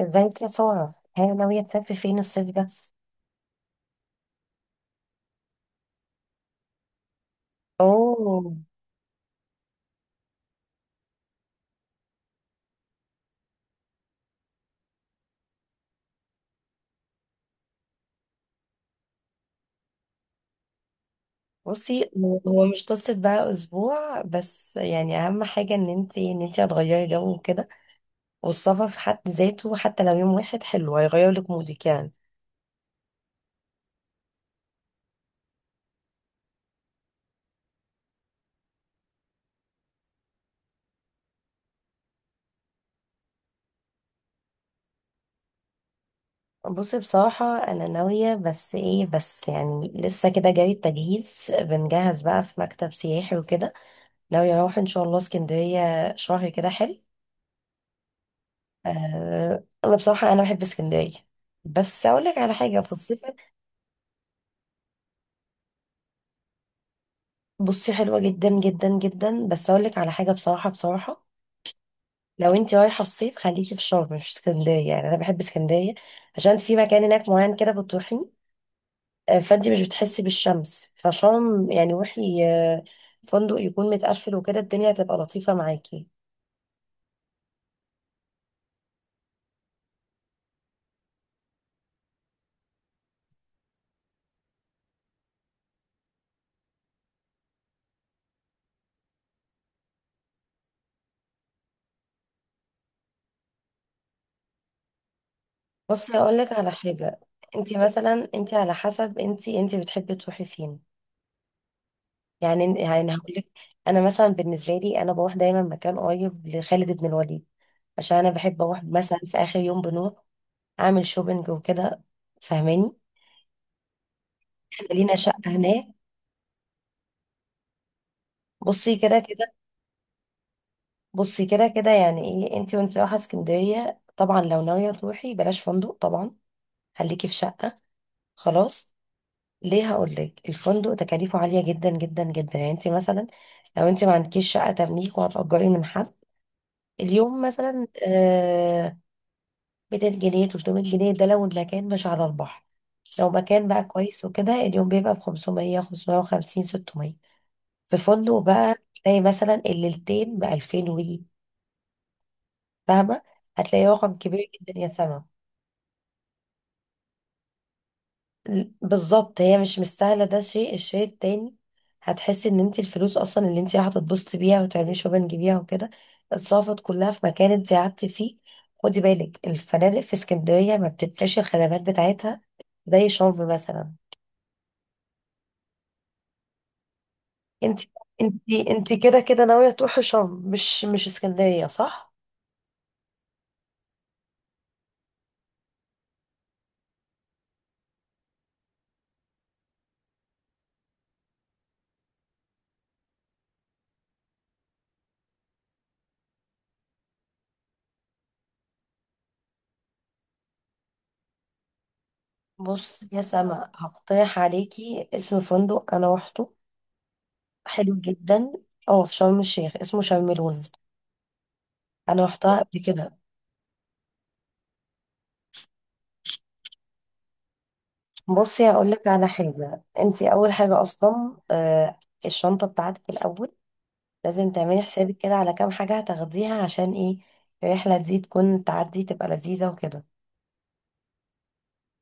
ازاي يا سارة، هي ناوية تسافر فين الصيف ده؟ اوه. بصي، هو مش قصة بقى أسبوع بس، يعني أهم حاجة إن انتي هتغيري جو وكده. والسفر في حد ذاته حتى لو يوم واحد حلو، هيغير لك مودك يعني. بصي بصراحة أنا ناوية، بس إيه بس يعني لسه كده جاري التجهيز، بنجهز بقى في مكتب سياحي وكده. ناوية أروح إن شاء الله اسكندرية شهر كده حلو. آه أنا بصراحة أنا بحب اسكندرية، بس أقول لك على حاجة في الصيف. بصي حلوة جدا جدا جدا، بس اقول لك على حاجة بصراحة بصراحة. لو انت رايحة في صيف خليكي في شرم مش في اسكندرية، يعني انا بحب اسكندرية عشان في مكان هناك معين كده بتروحي. فانت مش بتحسي بالشمس فشرم، يعني روحي فندق يكون متقفل وكده، الدنيا هتبقى لطيفة معاكي. بصي هقول لك على حاجة، انت مثلا انت على حسب انت بتحبي تروحي فين. يعني هقول لك، انا مثلا بالنسبة لي انا بروح دايما مكان قريب لخالد بن الوليد، عشان انا بحب اروح مثلا في اخر يوم بنروح اعمل شوبينج وكده، فاهماني؟ احنا لينا شقه هناك. بصي كده كده. بصي كده كده يعني، ايه انتي وانتي رايحه اسكندريه؟ طبعا لو ناويه تروحي بلاش فندق طبعا، خليكي في شقه، خلاص. ليه؟ هقول لك، الفندق تكاليفه عاليه جدا جدا جدا، يعني انتي مثلا لو انتي ما عندكيش شقه تمليك وهتأجري من حد، اليوم مثلا آه 200 جنيه 300 جنيه، ده لو المكان مش على البحر. لو مكان بقى كويس وكده، اليوم بيبقى ب 500 550 600 في فندق بقى تلاقي مثلا الليلتين ب2000 وي، فاهمة؟ هتلاقي رقم كبير جدا يا سما. بالظبط، هي مش مستاهلة. ده شيء، الشيء التاني هتحسي ان انت الفلوس اصلا اللي انت هتتبسطي بيها وتعملي شوبنج بيها وكده اتصرفت كلها في مكان انت قعدتي فيه. خدي بالك، الفنادق في اسكندرية ما بتدفعش الخدمات بتاعتها زي شرم مثلا. انت انت انت كده كده ناوية تروحي شرم مش اسكندرية، صح؟ بص يا سما، هقترح عليكي اسم فندق انا روحته، حلو جدا. اه في شرم الشيخ اسمه شرم الوز. انا روحتها قبل كده. بصي هقول لك على حاجه، انت اول حاجه اصلا آه الشنطه بتاعتك الاول، لازم تعملي حسابك كده على كام حاجه هتاخديها عشان ايه الرحله دي تكون تعدي تبقى لذيذه وكده.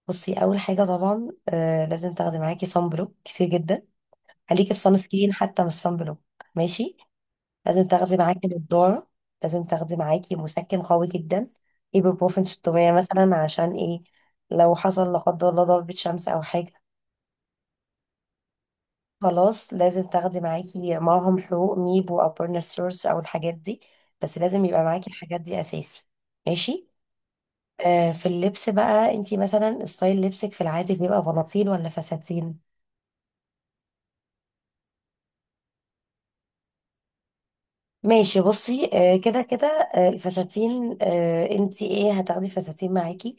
بصي اول حاجه طبعا آه لازم تاخدي معاكي صن بلوك كتير جدا، خليكي في صن سكرين حتى مش صن بلوك، ماشي؟ لازم تاخدي معاكي نضارة، لازم تاخدي معاكي مسكن قوي جدا، ايبوبروفين 600 مثلا، عشان ايه؟ لو حصل لا قدر الله ضربة شمس او حاجة، خلاص لازم تاخدي معاكي معهم حقوق ميبو او بيرنسورس او الحاجات دي. بس لازم يبقى معاكي الحاجات دي اساسي، ماشي. آه في اللبس بقى، انتي مثلا ستايل لبسك في العادي بيبقى بناطيل ولا فساتين؟ ماشي بصي، كده كده الفساتين، انتي ايه هتاخدي فساتين معاكي،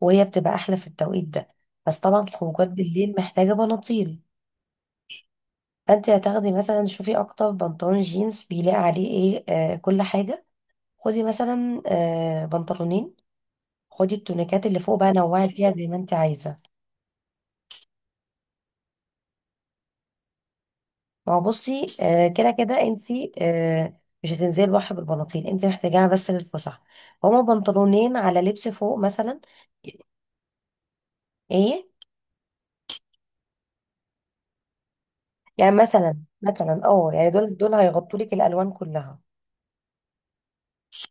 وهي بتبقى احلى في التوقيت ده. بس طبعا الخروجات بالليل محتاجه بناطيل، فانتي هتاخدي مثلا. شوفي اكتر بنطلون جينز بيلاقي عليه ايه؟ كل حاجه. خدي مثلا بنطلونين. خدي التونيكات اللي فوق بقى نوعي فيها زي ما انتي عايزه. ما هو بصي كده كده انتي مش هتنزلي البحر بالبناطيل، انتي محتاجاها بس للفسح. هما بنطلونين على لبس فوق مثلا، ايه؟ يعني مثلا اه يعني دول هيغطوا لك الالوان كلها.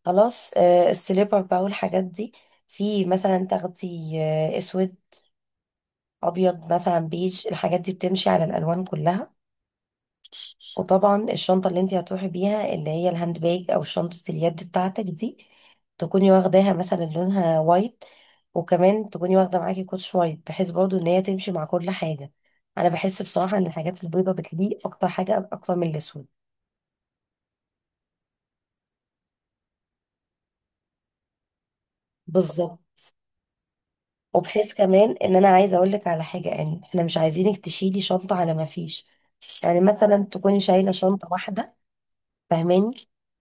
خلاص آه السليبر بقى والحاجات دي، في مثلا تاخدي آه اسود، ابيض مثلا، بيج، الحاجات دي بتمشي على الالوان كلها. وطبعا الشنطه اللي انت هتروحي بيها، اللي هي الهاند باج او شنطه اليد بتاعتك دي، تكوني واخداها مثلا لونها وايت. وكمان تكوني واخده معاكي كوتش وايت، بحيث برضو ان هي تمشي مع كل حاجه. انا بحس بصراحه ان الحاجات البيضه بتليق اكتر حاجه اكتر من الاسود. بالظبط. وبحيث كمان ان انا عايزه اقول لك على حاجه، يعني احنا مش عايزينك تشيلي شنطه على ما فيش، يعني مثلا تكوني شايله شنطه واحده، فاهماني؟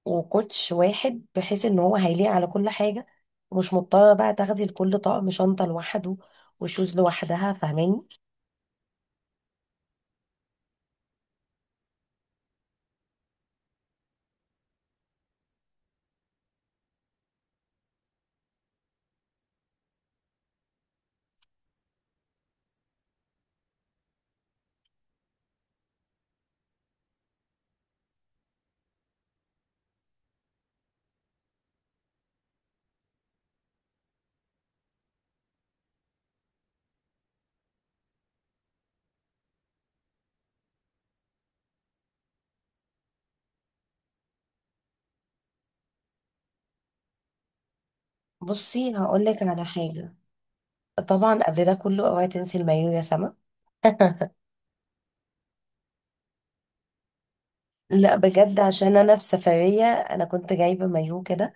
وكوتش واحد، بحيث ان هو هيليق على كل حاجه، ومش مضطره بقى تاخدي لكل طقم شنطه لوحده وشوز لوحدها، فاهماني؟ بصي هقول لك على حاجه، طبعا قبل ده كله اوعي تنسي المايو يا سما. لا بجد، عشان انا في سفريه انا كنت جايبه مايو كده،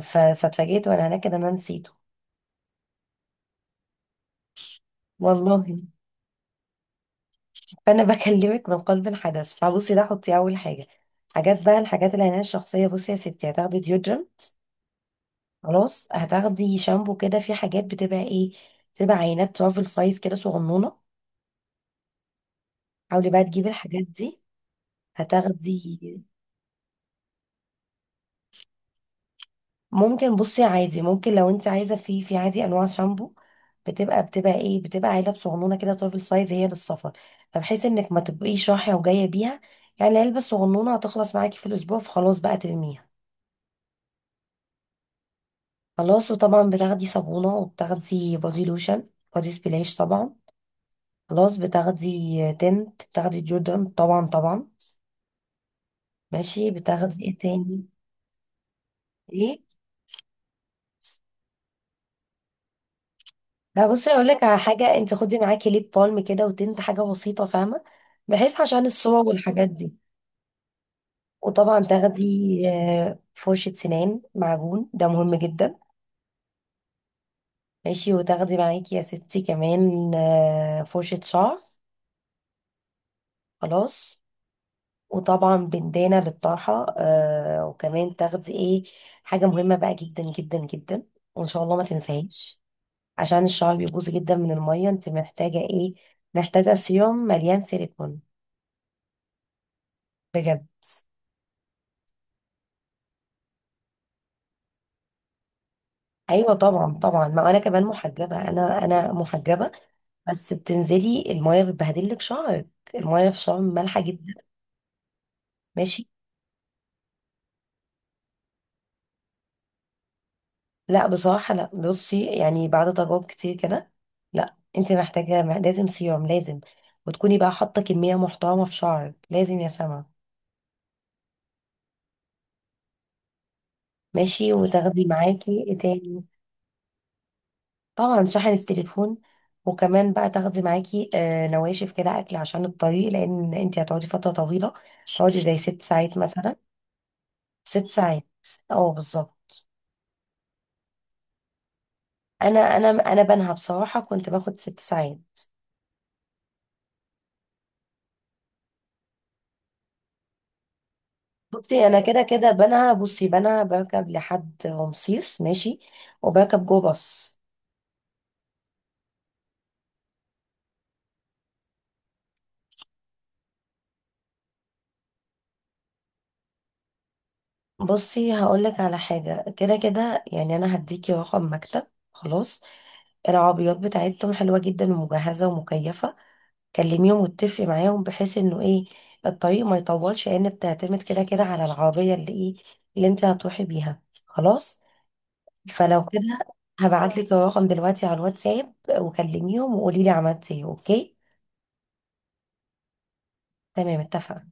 فاتفاجئت وانا هناك ان انا نسيته، والله. فانا بكلمك من قلب الحدث. فبصي ده حطي اول حاجه، حاجات بقى الحاجات العنايه الشخصيه. بصي يا ستي، هتاخدي ديودرم، خلاص، هتاخدي شامبو. كده في حاجات بتبقى ايه، بتبقى عينات ترافل سايز كده صغنونه، حاولي بقى تجيبي الحاجات دي. هتاخدي. ممكن بصي عادي، ممكن لو انت عايزه في عادي انواع شامبو بتبقى ايه، بتبقى علب صغنونه كده ترافل سايز هي للسفر، فبحيث انك ما تبقيش رايحه وجايه بيها. يعني العلبه الصغنونه هتخلص معاكي في الاسبوع، فخلاص بقى ترميها. خلاص. وطبعا بتاخدي صابونة وبتاخدي بودي لوشن، بودي سبلاش طبعا. خلاص بتاخدي تنت، بتاخدي جوردن طبعا طبعا. ماشي بتاخدي ايه تاني؟ ايه؟ لا بصي اقول لك على حاجة، انت خدي معاكي ليب بالم كده وتنت حاجة بسيطة، فاهمة؟ بحيث عشان الصور والحاجات دي. وطبعا تاخدي فرشة سنان، معجون، ده مهم جدا. ماشي. وتاخدي معاكي يا ستي كمان فرشة شعر، خلاص. وطبعا بندانة للطرحة آه. وكمان تاخدي ايه حاجة مهمة بقى جدا جدا جدا، وان شاء الله ما تنساهاش. عشان الشعر بيبوظ جدا من المية، انت محتاجة ايه؟ محتاجة سيروم مليان سيليكون. بجد. ايوه طبعا طبعا، ما انا كمان محجبة، انا محجبة. بس بتنزلي المية بتبهدلك شعرك، المية في شعر مالحة جدا، ماشي. لا بصراحة لا، بصي يعني بعد تجارب كتير كده، لا انت محتاجة لازم سيروم، لازم، وتكوني بقى حاطة كمية محترمة في شعرك، لازم يا سما. ماشي. وتاخدي معاكي ايه تاني؟ طبعا شحن التليفون، وكمان بقى تاخدي معاكي آه نواشف كده اكل عشان الطريق، لان انت هتقعدي فترة طويلة، هتقعدي زي 6 ساعات مثلا. ست ساعات، اه بالظبط. انا بنها بصراحة كنت باخد 6 ساعات. بصي انا كده كده بنها بركب لحد رمسيس، ماشي، وبركب جو باص. بصي هقولك على حاجة، كده كده يعني انا هديكي رقم مكتب، خلاص. العربيات بتاعتهم حلوة جدا، ومجهزة ومكيفة، كلميهم واتفقي معاهم، بحيث انه ايه الطريق ما يطولش، لان بتعتمد كده كده على العربية اللي ايه اللي انت هتروحي بيها، خلاص. فلو كده هبعتلك الرقم دلوقتي على الواتساب، وكلميهم وقوليلي عملت ايه، اوكي؟ تمام، اتفقنا.